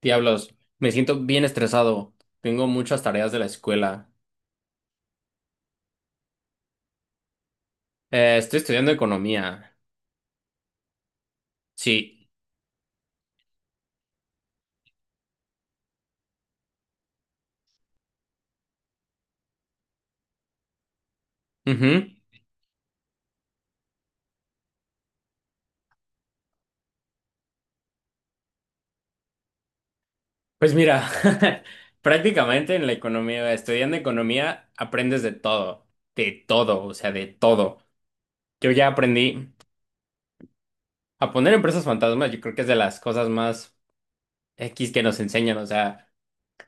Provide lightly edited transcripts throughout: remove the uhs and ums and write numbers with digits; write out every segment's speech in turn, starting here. Diablos, me siento bien estresado. Tengo muchas tareas de la escuela. Estoy estudiando economía. Sí. Ujú. Pues mira, prácticamente en la economía, estudiando economía, aprendes de todo. De todo, o sea, de todo. Yo ya aprendí a poner empresas fantasmas. Yo creo que es de las cosas más X que nos enseñan. O sea,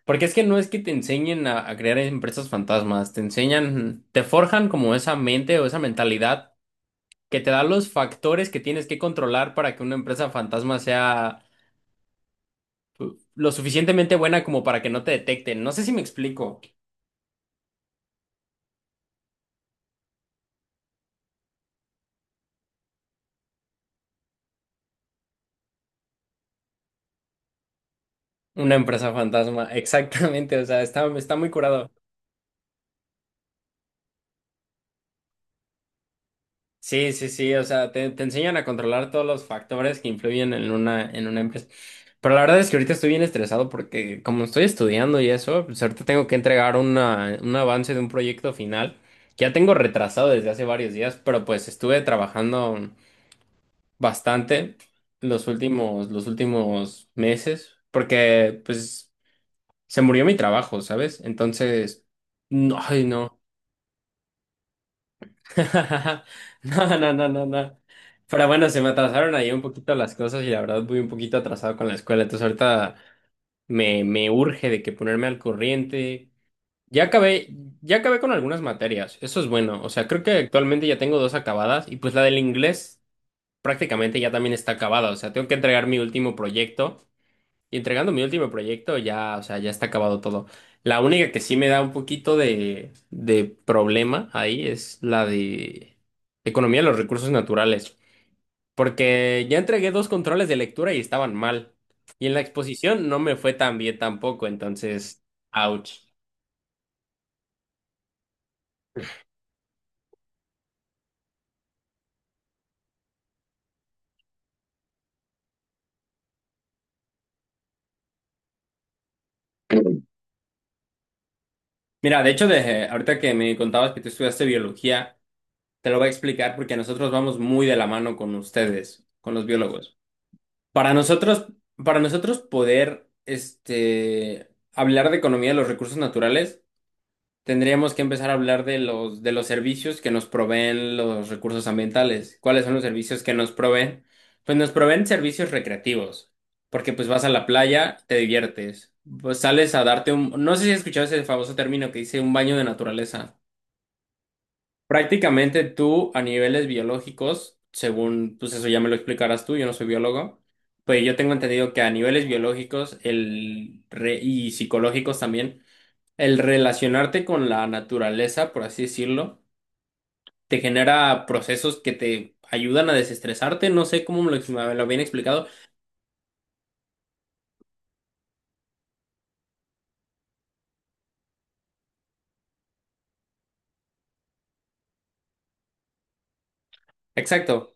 porque es que no es que te enseñen a crear empresas fantasmas. Te enseñan, te forjan como esa mente o esa mentalidad que te da los factores que tienes que controlar para que una empresa fantasma sea lo suficientemente buena como para que no te detecten. No sé si me explico. Una empresa fantasma, exactamente, o sea, está, está muy curado. Sí, sí, sí, o sea, te enseñan a controlar todos los factores que influyen en una empresa. Pero la verdad es que ahorita estoy bien estresado porque como estoy estudiando y eso, pues ahorita tengo que entregar una, un avance de un proyecto final que ya tengo retrasado desde hace varios días, pero pues estuve trabajando bastante los últimos meses, porque pues se murió mi trabajo, ¿sabes? Entonces, no, ay, no. No, no, no, no, no. Pero bueno, se me atrasaron ahí un poquito las cosas y la verdad voy un poquito atrasado con la escuela, entonces ahorita me urge de que ponerme al corriente. Ya acabé, ya acabé con algunas materias, eso es bueno, o sea, creo que actualmente ya tengo dos acabadas y pues la del inglés prácticamente ya también está acabada, o sea, tengo que entregar mi último proyecto. Y entregando mi último proyecto, ya, o sea, ya está acabado todo. La única que sí me da un poquito de problema ahí es la de economía de los recursos naturales, porque ya entregué dos controles de lectura y estaban mal. Y en la exposición no me fue tan bien tampoco, entonces, ouch. Mira, de hecho, de, ahorita que me contabas que tú estudiaste biología, te lo voy a explicar porque nosotros vamos muy de la mano con ustedes, con los biólogos. Para nosotros, para nosotros poder este, hablar de economía de los recursos naturales, tendríamos que empezar a hablar de los servicios que nos proveen los recursos ambientales. ¿Cuáles son los servicios que nos proveen? Pues nos proveen servicios recreativos, porque pues vas a la playa, te diviertes, pues sales a darte un… No sé si has escuchado ese famoso término que dice un baño de naturaleza. Prácticamente tú a niveles biológicos, según, pues eso ya me lo explicarás tú, yo no soy biólogo, pues yo tengo entendido que a niveles biológicos el re- y psicológicos también, el relacionarte con la naturaleza, por así decirlo, te genera procesos que te ayudan a desestresarte, no sé cómo me lo habían explicado. Exacto,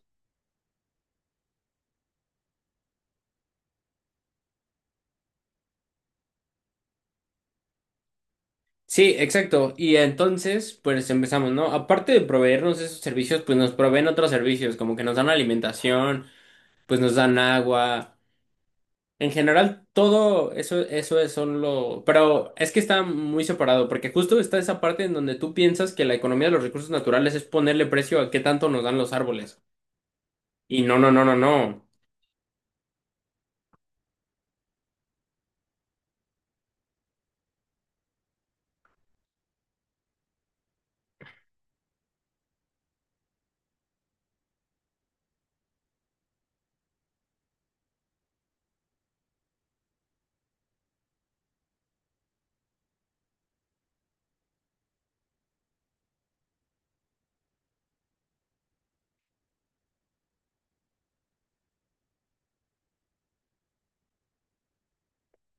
sí, exacto. Y entonces, pues empezamos, ¿no? Aparte de proveernos esos servicios, pues nos proveen otros servicios, como que nos dan alimentación, pues nos dan agua. En general, todo eso, eso es solo. Pero es que está muy separado, porque justo está esa parte en donde tú piensas que la economía de los recursos naturales es ponerle precio a qué tanto nos dan los árboles. Y no, no, no, no, no.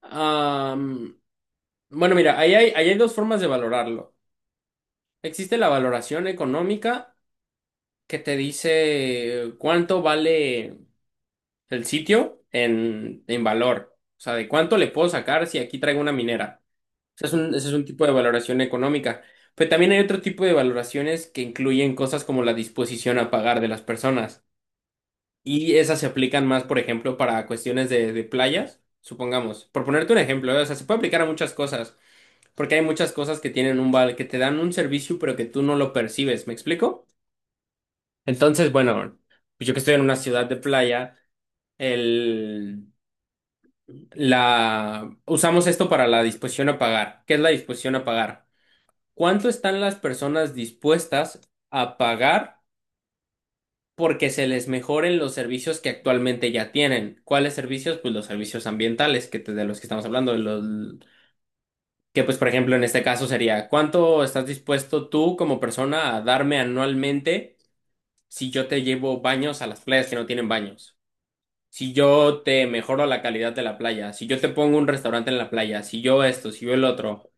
Am, bueno, mira, ahí hay dos formas de valorarlo. Existe la valoración económica que te dice cuánto vale el sitio en valor. O sea, de cuánto le puedo sacar si aquí traigo una minera. Sea, es un, ese es un tipo de valoración económica. Pero también hay otro tipo de valoraciones que incluyen cosas como la disposición a pagar de las personas. Y esas se aplican más, por ejemplo, para cuestiones de playas, supongamos. Por ponerte un ejemplo, ¿eh? O sea, se puede aplicar a muchas cosas, porque hay muchas cosas que tienen un val, que te dan un servicio, pero que tú no lo percibes, ¿me explico? Entonces, bueno, pues yo que estoy en una ciudad de playa, el, la, usamos esto para la disposición a pagar. ¿Qué es la disposición a pagar? ¿Cuánto están las personas dispuestas a pagar porque se les mejoren los servicios que actualmente ya tienen? ¿Cuáles servicios? Pues los servicios ambientales que te- de los que estamos hablando, los, que pues por ejemplo en este caso sería, ¿cuánto estás dispuesto tú como persona a darme anualmente si yo te llevo baños a las playas que no tienen baños? Si yo te mejoro la calidad de la playa, si yo te pongo un restaurante en la playa, si yo esto, si yo el otro.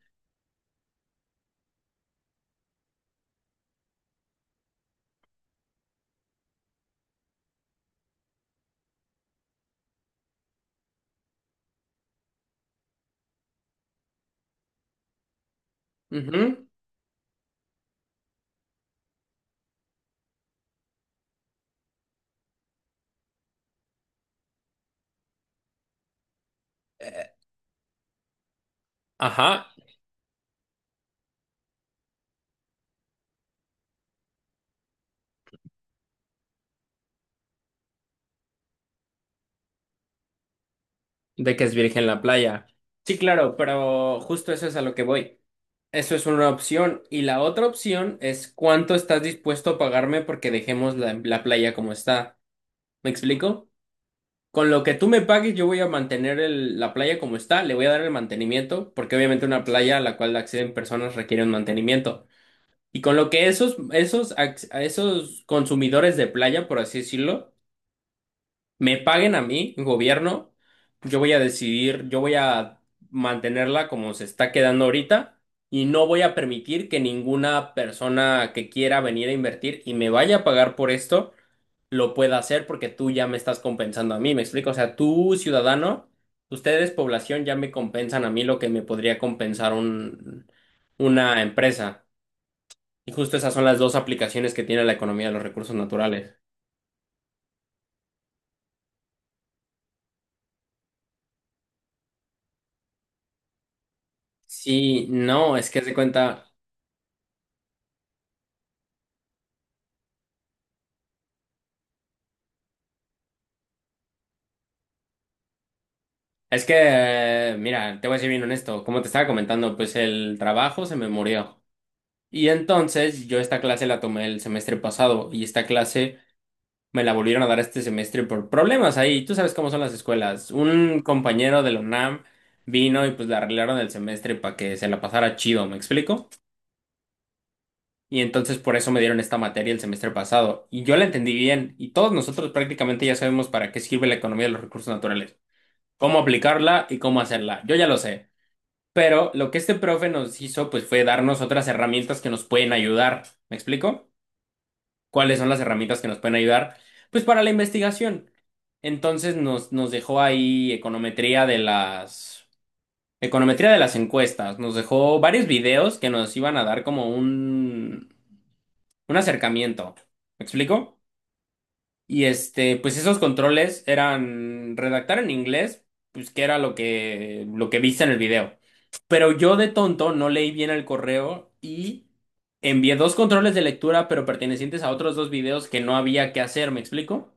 Ujú. Ajá. De que es virgen la playa. Sí, claro, pero justo eso es a lo que voy. Eso es una opción. Y la otra opción es cuánto estás dispuesto a pagarme porque dejemos la, la playa como está. ¿Me explico? Con lo que tú me pagues, yo voy a mantener el- la playa como está, le voy a dar el mantenimiento, porque obviamente una playa a la cual acceden personas requiere un mantenimiento. Y con lo que esos, esos, ac- a esos consumidores de playa, por así decirlo, me paguen a mí, gobierno, yo voy a decidir, yo voy a mantenerla como se está quedando ahorita y no voy a permitir que ninguna persona que quiera venir a invertir y me vaya a pagar por esto lo pueda hacer porque tú ya me estás compensando a mí, ¿me explico? O sea, tú, ciudadano, ustedes, población, ya me compensan a mí lo que me podría compensar un, una empresa. Y justo esas son las dos aplicaciones que tiene la economía de los recursos naturales. Sí, no, es que se cuenta. Es que, mira, te voy a ser bien honesto. Como te estaba comentando, pues el trabajo se me murió. Y entonces yo esta clase la tomé el semestre pasado y esta clase me la volvieron a dar este semestre por problemas ahí. Tú sabes cómo son las escuelas. Un compañero de la UNAM vino y pues le arreglaron el semestre para que se la pasara chido, ¿me explico? Y entonces por eso me dieron esta materia el semestre pasado. Y yo la entendí bien y todos nosotros prácticamente ya sabemos para qué sirve la economía de los recursos naturales, cómo aplicarla y cómo hacerla. Yo ya lo sé. Pero lo que este profe nos hizo, pues fue darnos otras herramientas que nos pueden ayudar. ¿Me explico? ¿Cuáles son las herramientas que nos pueden ayudar? Pues para la investigación. Entonces nos dejó ahí econometría de las… Econometría de las encuestas. Nos dejó varios videos que nos iban a dar como un… un acercamiento. ¿Me explico? Y este, pues esos controles eran redactar en inglés, pues que era lo que viste en el video. Pero yo de tonto no leí bien el correo y envié dos controles de lectura, pero pertenecientes a otros dos videos que no había que hacer, ¿me explico?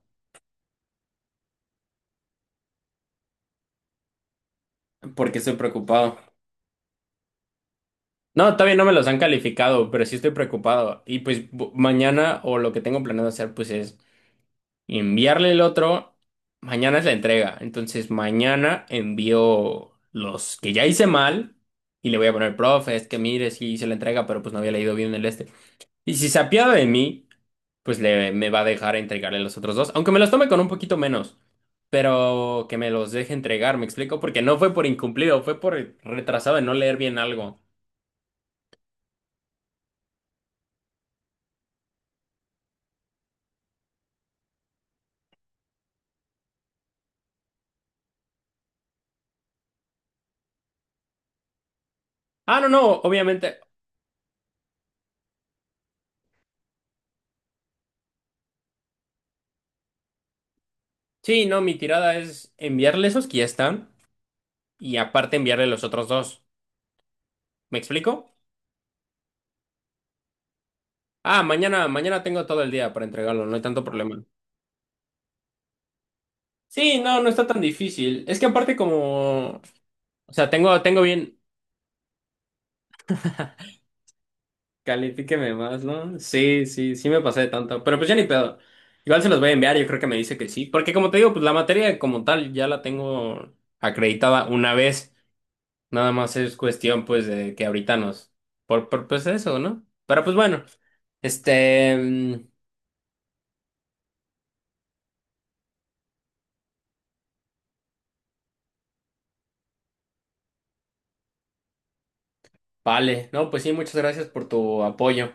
Porque estoy preocupado. No, todavía no me los han calificado, pero sí estoy preocupado. Y pues bu- mañana o lo que tengo planeado hacer pues es enviarle el otro. Mañana es la entrega, entonces mañana envío los que ya hice mal y le voy a poner, profe, es que mire, sí hice la entrega, pero pues no había leído bien el este. Y si se apiada de mí pues le, me va a dejar entregarle los otros dos, aunque me los tome con un poquito menos, pero que me los deje entregar, ¿me explico? Porque no fue por incumplido, fue por retrasado en no leer bien algo. Ah, no, no, obviamente. Sí, no, mi tirada es enviarle esos que ya están y aparte enviarle los otros dos. ¿Me explico? Ah, mañana, mañana tengo todo el día para entregarlo, no hay tanto problema. Sí, no, no está tan difícil. Es que aparte como, o sea, tengo, tengo bien. Califíqueme más, ¿no? Sí, sí, sí me pasé de tanto. Pero pues ya ni pedo. Igual se los voy a enviar, yo creo que me dice que sí. Porque como te digo, pues la materia como tal ya la tengo acreditada una vez. Nada más es cuestión pues de que ahorita nos… por pues eso, ¿no? Pero pues bueno. Este… mm, vale, no, pues sí, muchas gracias por tu apoyo.